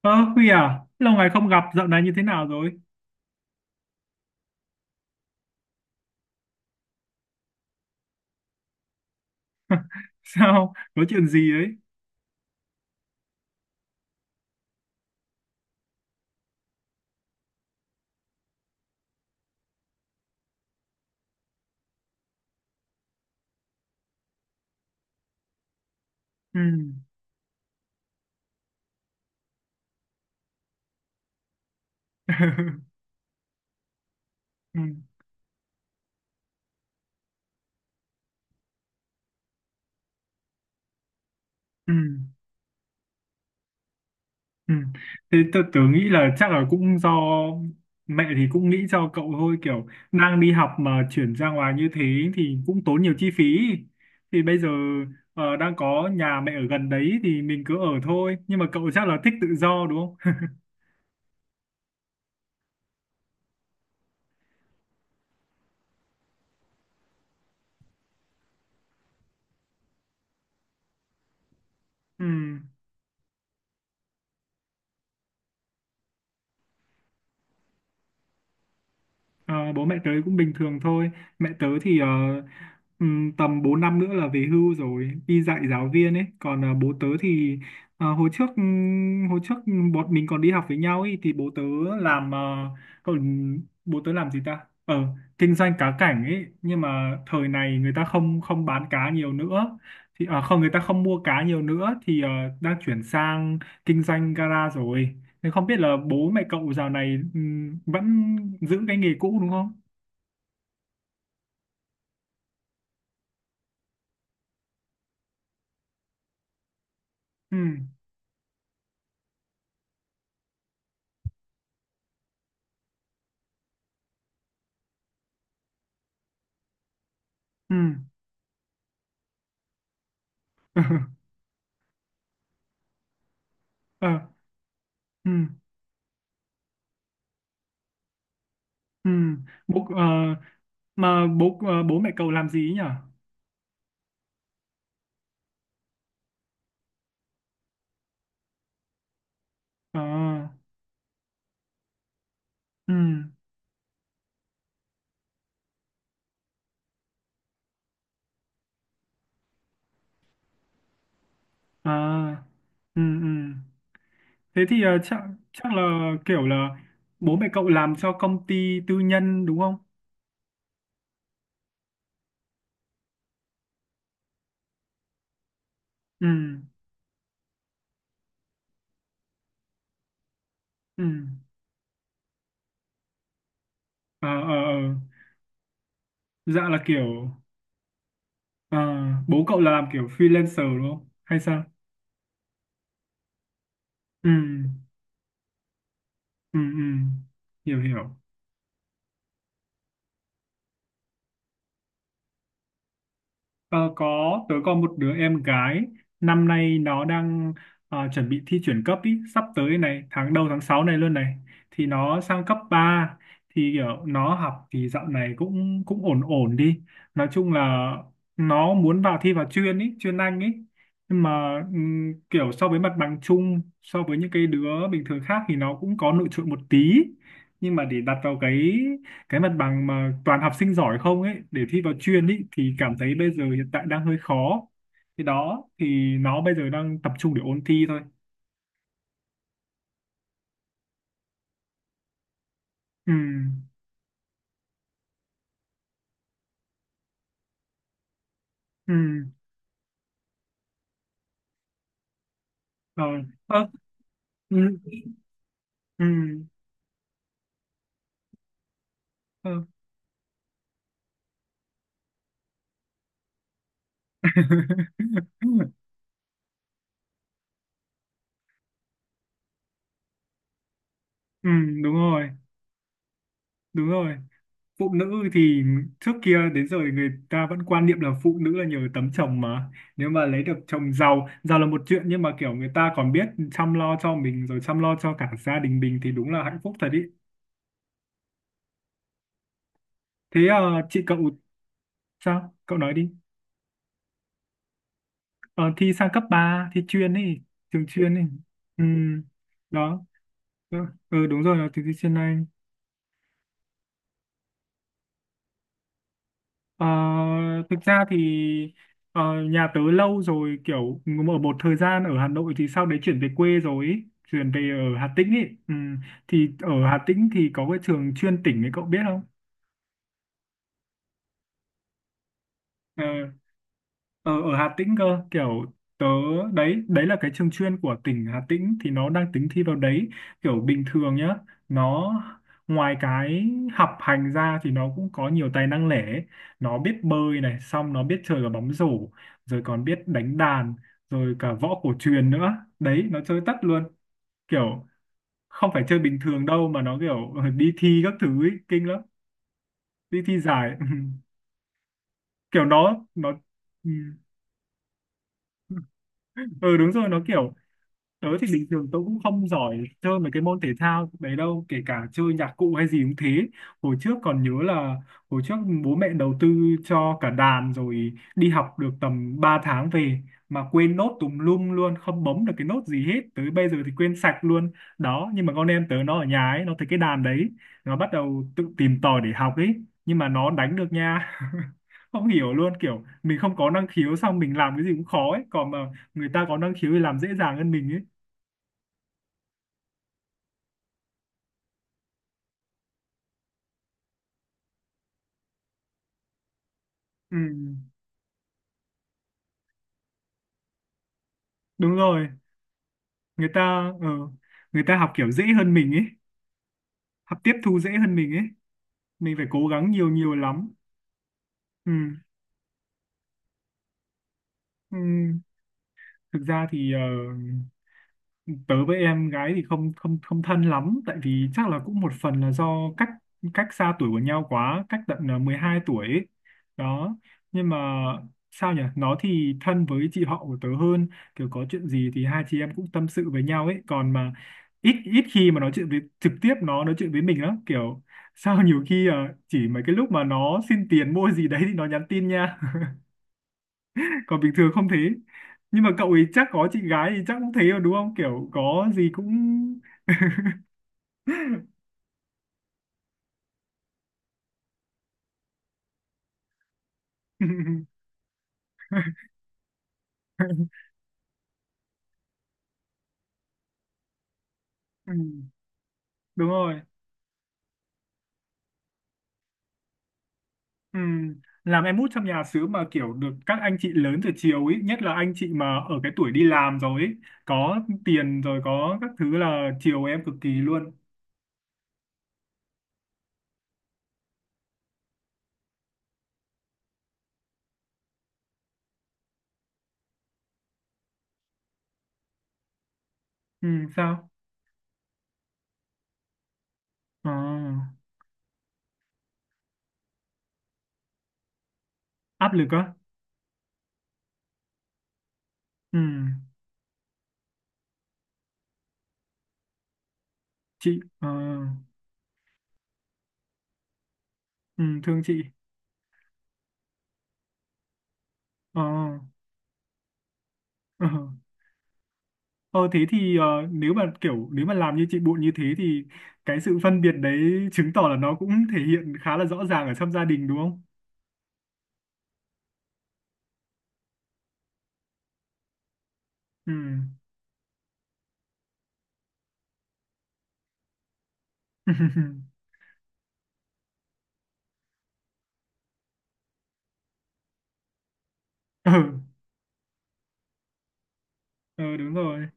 Ơ, Huy à, lâu ngày không gặp, dạo này như thế nào rồi? Sao? Có chuyện gì ấy? Ừ. Ừ. Ừ. Ừ. Thế tôi tưởng nghĩ là chắc là cũng do mẹ thì cũng nghĩ cho cậu thôi, kiểu đang đi học mà chuyển ra ngoài như thế thì cũng tốn nhiều chi phí. Thì bây giờ đang có nhà mẹ ở gần đấy thì mình cứ ở thôi. Nhưng mà cậu chắc là thích tự do đúng không? Ừ. Ờ, bố mẹ tớ cũng bình thường thôi. Mẹ tớ thì tầm 4 năm nữa là về hưu rồi, đi dạy giáo viên ấy. Còn bố tớ thì hồi trước bọn mình còn đi học với nhau ấy, thì bố tớ làm còn bố tớ làm gì ta? Ờ, kinh doanh cá cảnh ấy, nhưng mà thời này người ta không không bán cá nhiều nữa. Thì ờ, không người ta không mua cá nhiều nữa thì đang chuyển sang kinh doanh gara rồi. Thế không biết là bố mẹ cậu dạo này vẫn giữ cái nghề cũ đúng không? Ừ, ừ. Ờ, ừ, ừ. Bố, ờ, mà bố ờ, bố mẹ cậu làm gì ấy nhỉ? Ờ, ừ, à, ừ, ừ. Thế thì chắc chắc là kiểu là bố mẹ cậu làm cho công ty tư nhân đúng không? Ừ, ừ, à, ờ, ờ. Dạ là kiểu ờ, bố cậu là làm kiểu freelancer đúng không? Hay sao? Ừ. Ừ, ừ. Hiểu hiểu. Ờ, có tớ có một đứa em gái. Năm nay nó đang chuẩn bị thi chuyển cấp ý, sắp tới này tháng đầu tháng 6 này luôn này, thì nó sang cấp ba. Thì kiểu nó học thì dạo này cũng cũng ổn ổn đi. Nói chung là nó muốn vào thi vào chuyên ý, chuyên Anh ý. Nhưng mà kiểu so với mặt bằng chung, so với những cái đứa bình thường khác thì nó cũng có nổi trội một tí. Nhưng mà để đặt vào cái mặt bằng mà toàn học sinh giỏi không ấy, để thi vào chuyên ấy, thì cảm thấy bây giờ hiện tại đang hơi khó. Thì đó, thì nó bây giờ đang tập trung để ôn thi thôi. Ừ, ừ. Rồi. Ơ, ừ, ừ, ờ. Ừ, đúng rồi, đúng rồi. Phụ nữ thì trước kia đến giờ thì người ta vẫn quan niệm là phụ nữ là nhờ tấm chồng mà, nếu mà lấy được chồng giàu, giàu là một chuyện, nhưng mà kiểu người ta còn biết chăm lo cho mình rồi chăm lo cho cả gia đình mình thì đúng là hạnh phúc thật ý. Thế chị cậu sao? Cậu nói đi. Ờ, thi sang cấp ba, thi chuyên ấy, trường chuyên ấy. Ừ, đó. Ừ, ừ, đúng rồi, là thi chuyên Anh. Ờ, thực ra thì ờ, nhà tớ lâu rồi, kiểu ở một thời gian ở Hà Nội thì sau đấy chuyển về quê rồi ấy. Chuyển về ở Hà Tĩnh ấy. Ừ, thì ở Hà Tĩnh thì có cái trường chuyên tỉnh ấy, cậu biết không? Ờ, ở, ở Hà Tĩnh cơ, kiểu tớ, đấy đấy là cái trường chuyên của tỉnh Hà Tĩnh, thì nó đang tính thi vào đấy. Kiểu bình thường nhá, nó ngoài cái học hành ra thì nó cũng có nhiều tài năng lẻ ấy. Nó biết bơi này, xong nó biết chơi cả bóng rổ, rồi còn biết đánh đàn, rồi cả võ cổ truyền nữa đấy, nó chơi tất luôn. Kiểu không phải chơi bình thường đâu, mà nó kiểu đi thi các thứ ấy, kinh lắm. Đi thi giải kiểu nó nó. Ừ, ừ, đúng rồi, nó kiểu. Tớ thì bình thường tớ cũng không giỏi chơi mấy cái môn thể thao đấy đâu, kể cả chơi nhạc cụ hay gì cũng thế. Hồi trước còn nhớ là hồi trước bố mẹ đầu tư cho cả đàn, rồi đi học được tầm 3 tháng về mà quên nốt tùm lum luôn, không bấm được cái nốt gì hết. Tới bây giờ thì quên sạch luôn. Đó, nhưng mà con em tớ nó ở nhà ấy, nó thấy cái đàn đấy, nó bắt đầu tự tìm tòi để học ấy, nhưng mà nó đánh được nha. Không hiểu luôn, kiểu mình không có năng khiếu, xong mình làm cái gì cũng khó ấy, còn mà người ta có năng khiếu thì làm dễ dàng hơn mình. Ừ, đúng rồi, người ta ờ, người ta học kiểu dễ hơn mình ấy, học tiếp thu dễ hơn mình ấy. Mình phải cố gắng nhiều, nhiều lắm. Ừ, ừ. Thực ra thì tớ với em gái thì không không không thân lắm, tại vì chắc là cũng một phần là do cách, cách xa tuổi của nhau quá, cách tận 12 tuổi ấy. Đó, nhưng mà sao nhỉ, nó thì thân với chị họ của tớ hơn, kiểu có chuyện gì thì hai chị em cũng tâm sự với nhau ấy, còn mà ít ít khi mà nói chuyện với trực tiếp, nó nói chuyện với mình lắm kiểu. Sao nhiều khi chỉ mấy cái lúc mà nó xin tiền mua gì đấy thì nó nhắn tin nha. Còn bình thường không thế, nhưng mà cậu ấy chắc có chị gái thì chắc cũng thế rồi đúng không, kiểu có gì cũng. Ừ. Ừ. Đúng rồi. Ừ. Làm em út trong nhà xứ mà kiểu được các anh chị lớn từ chiều ấy, nhất là anh chị mà ở cái tuổi đi làm rồi ấy, có tiền rồi có các thứ là chiều em cực kỳ luôn. Ừ, sao. Ờ, áp lực á. Ừ. Chị ừ, thương chị. Ờ, ờ. Ờ, thế thì nếu mà kiểu nếu mà làm như chị Bụi như thế thì cái sự phân biệt đấy chứng tỏ là nó cũng thể hiện khá là rõ ràng ở trong gia đình đúng không? Ừ. Ừ, ừ, đúng rồi.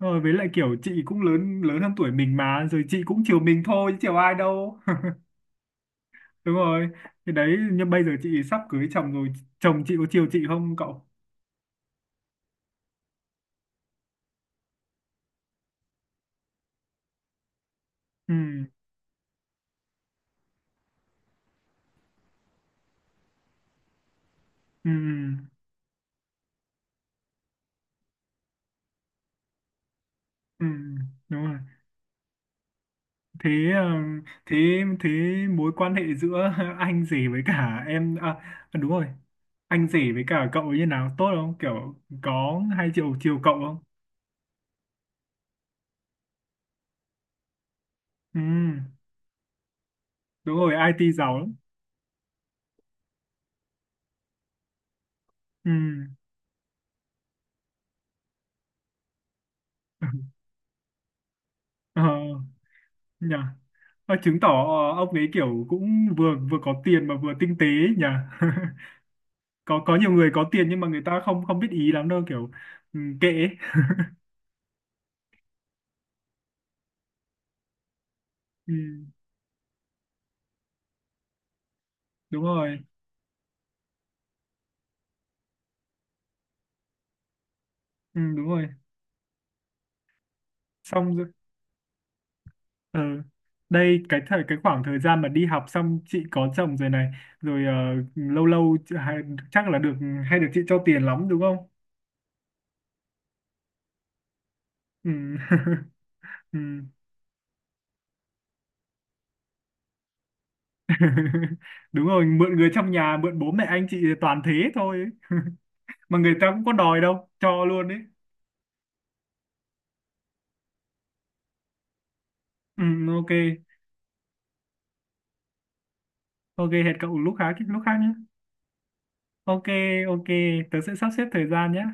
Rồi với lại kiểu chị cũng lớn, lớn hơn tuổi mình mà, rồi chị cũng chiều mình thôi chứ chiều ai đâu. Đúng rồi. Thì đấy, nhưng bây giờ chị sắp cưới chồng rồi, chồng chị có chiều chị không cậu? Ừ, ừ, ừ. Ừ, đúng rồi. Thế ờ, thế thế mối quan hệ giữa anh rể với cả em à. À, đúng rồi, anh rể với cả cậu như nào, tốt không kiểu, có hay chiều chiều cậu không? Ừ, đúng rồi, IT giàu lắm. Ừ. Ờ. Nhỉ. Ờ, chứng tỏ ông ấy kiểu cũng vừa vừa có tiền mà vừa tinh tế ấy nhỉ. Có nhiều người có tiền nhưng mà người ta không không biết ý lắm đâu kiểu. Ừ, kệ ấy. Ừ, đúng rồi. Ừ, đúng rồi. Xong rồi ờ, đây cái thời, cái khoảng thời gian mà đi học xong chị có chồng rồi này, rồi ờ, lâu lâu chị- hay- chắc là được hay được chị cho tiền lắm đúng không? Ừ. Ừ. Đúng rồi, mượn người trong nhà, mượn bố mẹ anh chị toàn thế thôi. Mà người ta cũng có đòi đâu, cho luôn đấy. Ừ, ok. Ok, hẹn cậu lúc khác, lúc khác nhé. Ok. Ok, tớ sẽ sắp xếp thời gian nhé.